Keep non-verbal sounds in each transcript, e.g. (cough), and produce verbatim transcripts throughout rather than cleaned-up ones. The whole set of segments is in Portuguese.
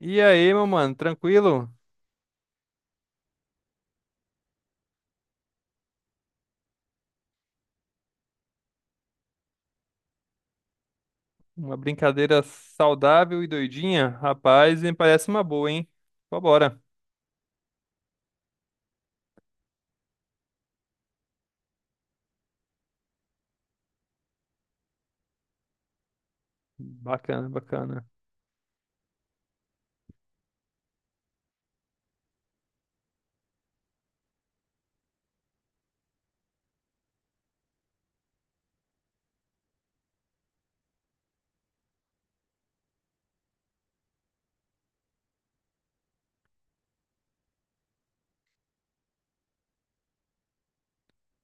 E aí, meu mano, tranquilo? Uma brincadeira saudável e doidinha? Rapaz, me parece uma boa, hein? Vambora. Bacana, bacana.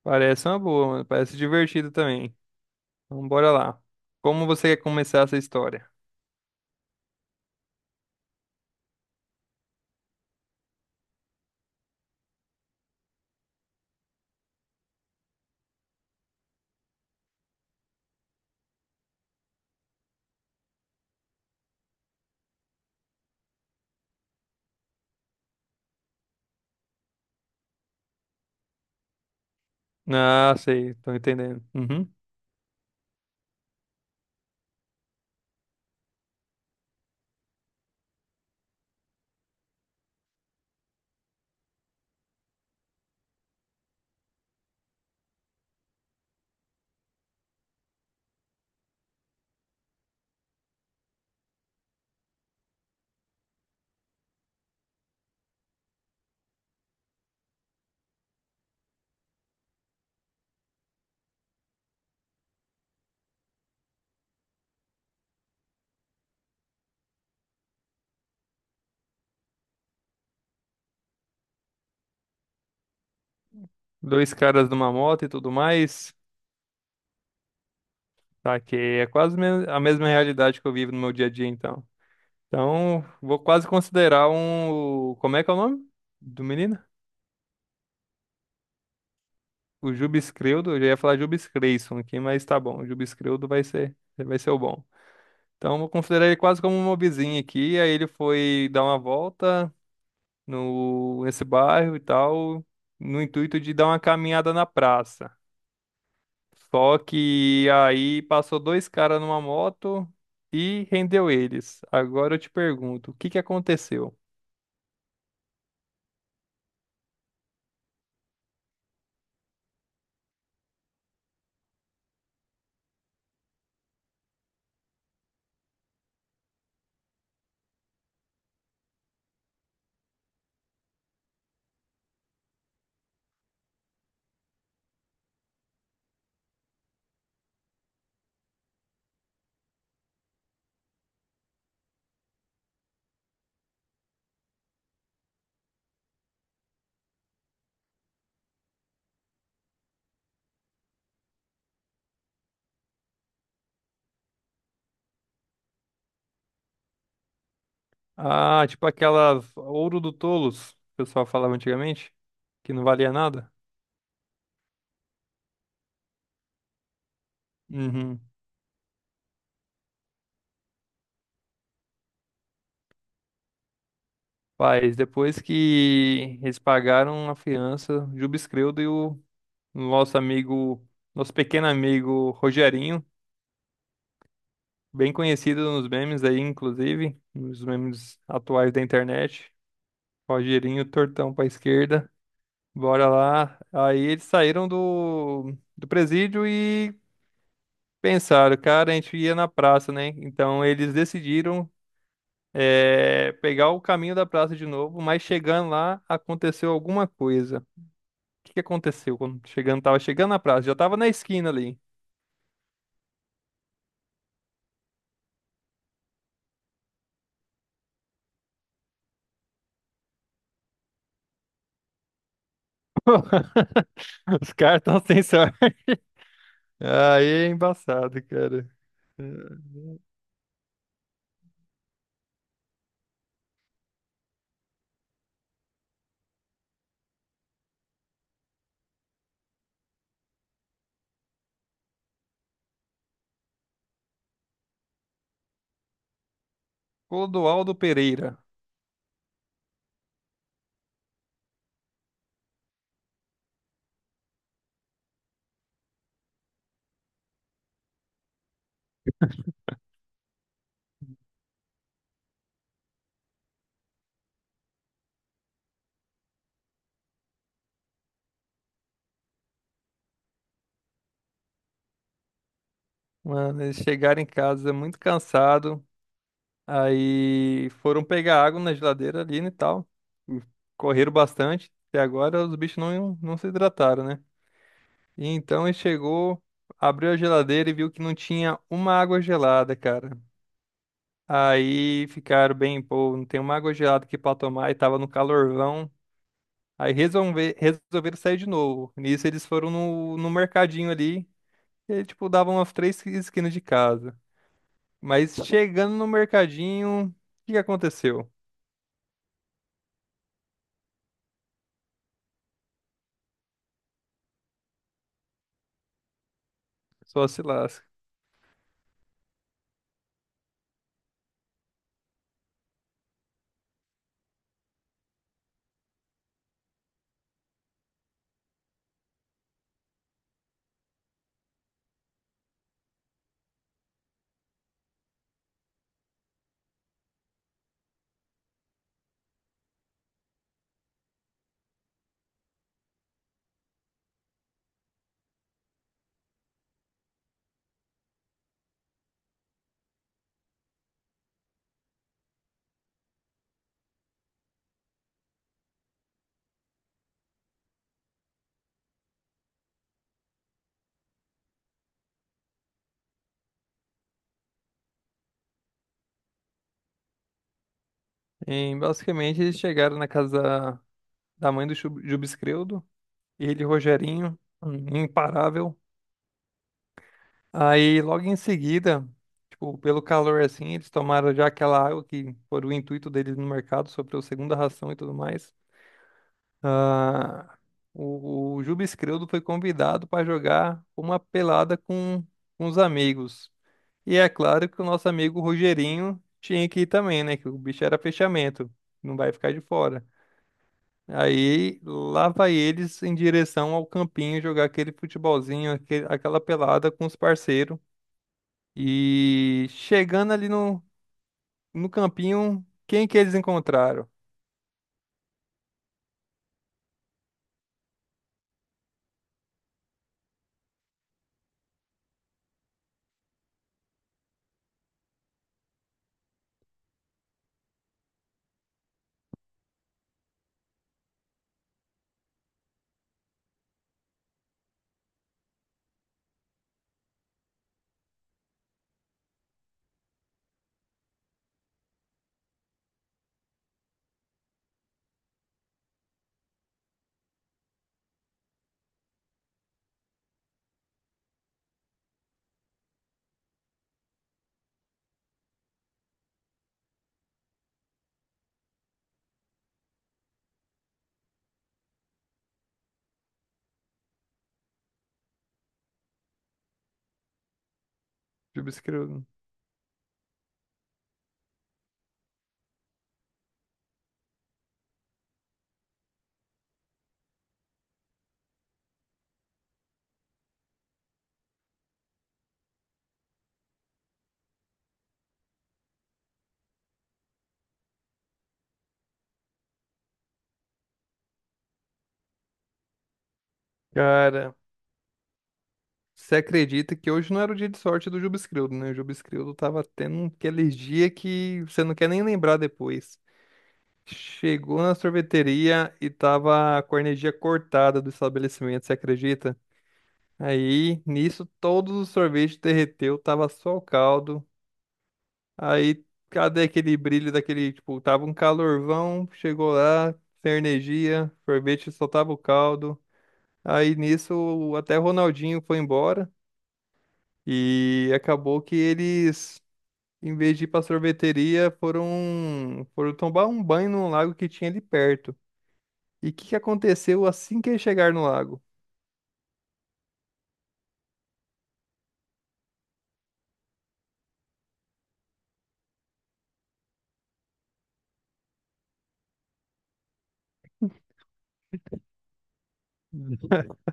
Parece uma boa, mano. Parece divertido também. Então, bora lá. Como você quer começar essa história? Ah, sei, tô entendendo. Uhum. Dois caras numa moto e tudo mais. Tá, que é quase me- a mesma realidade que eu vivo no meu dia a dia, então. Então, vou quase considerar um. Como é que é o nome do menino? O Jubes Creudo, eu já ia falar Jubes Creyson aqui, mas tá bom. O Jubes Creudo vai ser, vai ser o bom. Então, eu vou considerar ele quase como um mobizinho aqui. Aí ele foi dar uma volta no nesse bairro e tal, no intuito de dar uma caminhada na praça. Só que aí passou dois caras numa moto e rendeu eles. Agora eu te pergunto, o que que aconteceu? Ah, tipo aquelas ouro do tolos, que o pessoal falava antigamente, que não valia nada? Uhum. Faz, depois que eles pagaram a fiança, o Juba Escrevdo e o nosso amigo, nosso pequeno amigo Rogerinho, bem conhecido nos memes aí, inclusive, nos memes atuais da internet. Rogerinho, tortão pra esquerda, bora lá. Aí eles saíram do, do presídio e pensaram, cara, a gente ia na praça, né? Então eles decidiram eh, pegar o caminho da praça de novo, mas chegando lá aconteceu alguma coisa. que que aconteceu quando chegando, tava chegando na praça, já tava na esquina ali. (laughs) Os caras tão sem sorte. Aí é embaçado, cara. Clodoaldo Pereira. Mano, eles chegaram em casa muito cansado. Aí foram pegar água na geladeira ali né, e tal. Correram bastante. Até agora os bichos não, não se hidrataram, né? E então ele chegou, abriu a geladeira e viu que não tinha uma água gelada, cara. Aí ficaram bem, pô, não tem uma água gelada aqui pra tomar e tava no calorvão. Aí resolve, resolveram sair de novo. Nisso eles foram no, no mercadinho ali. E aí, tipo, davam umas três esquinas de casa. Mas chegando no mercadinho, o que que aconteceu? Só se lasca. Em, basicamente, eles chegaram na casa da mãe do Chu- Jubescreudo, ele e Rogerinho, um imparável. Aí, logo em seguida, tipo, pelo calor assim, eles tomaram já aquela água que foi o intuito deles no mercado, sobre a segunda ração e tudo mais. Ah, o, o Juba Escredo foi convidado para jogar uma pelada com, com os amigos. E é claro que o nosso amigo Rogerinho tinha que ir também, né? Que o bicho era fechamento, não vai ficar de fora. Aí lá vai eles em direção ao campinho jogar aquele futebolzinho, aque- aquela pelada com os parceiros. E chegando ali no, no campinho, quem que eles encontraram? Jubescrildo. Cara, você acredita que hoje não era o dia de sorte do Jubescrildo, né? O Jubescrildo tava tendo aquele dia que você não quer nem lembrar depois. Chegou na sorveteria e tava com a energia cortada do estabelecimento, você acredita? Aí, nisso, todos os sorvetes derreteu, tava só o caldo. Aí, cadê aquele brilho daquele, tipo, tava um calorvão, chegou lá, sem energia, sorvete só tava o caldo. Aí nisso, até o Ronaldinho foi embora e acabou que eles, em vez de ir pra sorveteria, foram, foram tomar um banho num lago que tinha ali perto. E o que que aconteceu assim que eles chegaram no lago? (laughs)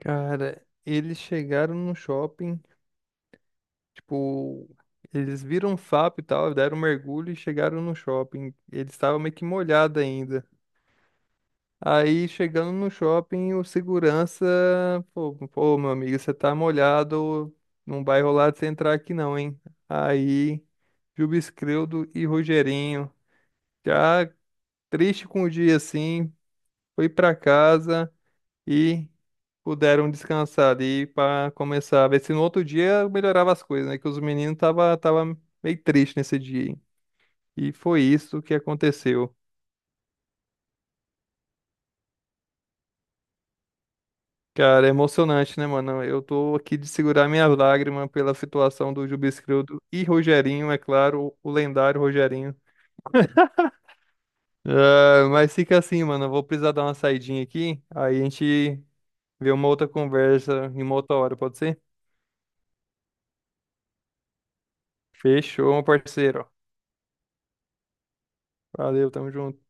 Cara, eles chegaram no shopping. Tipo, eles viram um sapo e tal, deram um mergulho e chegaram no shopping. Eles estavam meio que molhados ainda. Aí, chegando no shopping, o segurança, pô, pô, meu amigo, você tá molhado, não vai rolar de você entrar aqui não, hein? Aí, Juba Escredo e Rogerinho, já triste com o dia assim, foi pra casa e puderam descansar ali para começar a ver se no outro dia melhorava as coisas, né? Que os meninos tava, tava meio triste nesse dia. hein? E foi isso que aconteceu. Cara, é emocionante, né, mano? Eu tô aqui de segurar minhas lágrimas pela situação do Jubilscrildo e Rogerinho, é claro, o lendário Rogerinho. Ah, mas fica assim, mano. Eu vou precisar dar uma saidinha aqui. Aí a gente vê uma outra conversa em uma outra hora, pode ser? Fechou, meu parceiro. Valeu, tamo junto.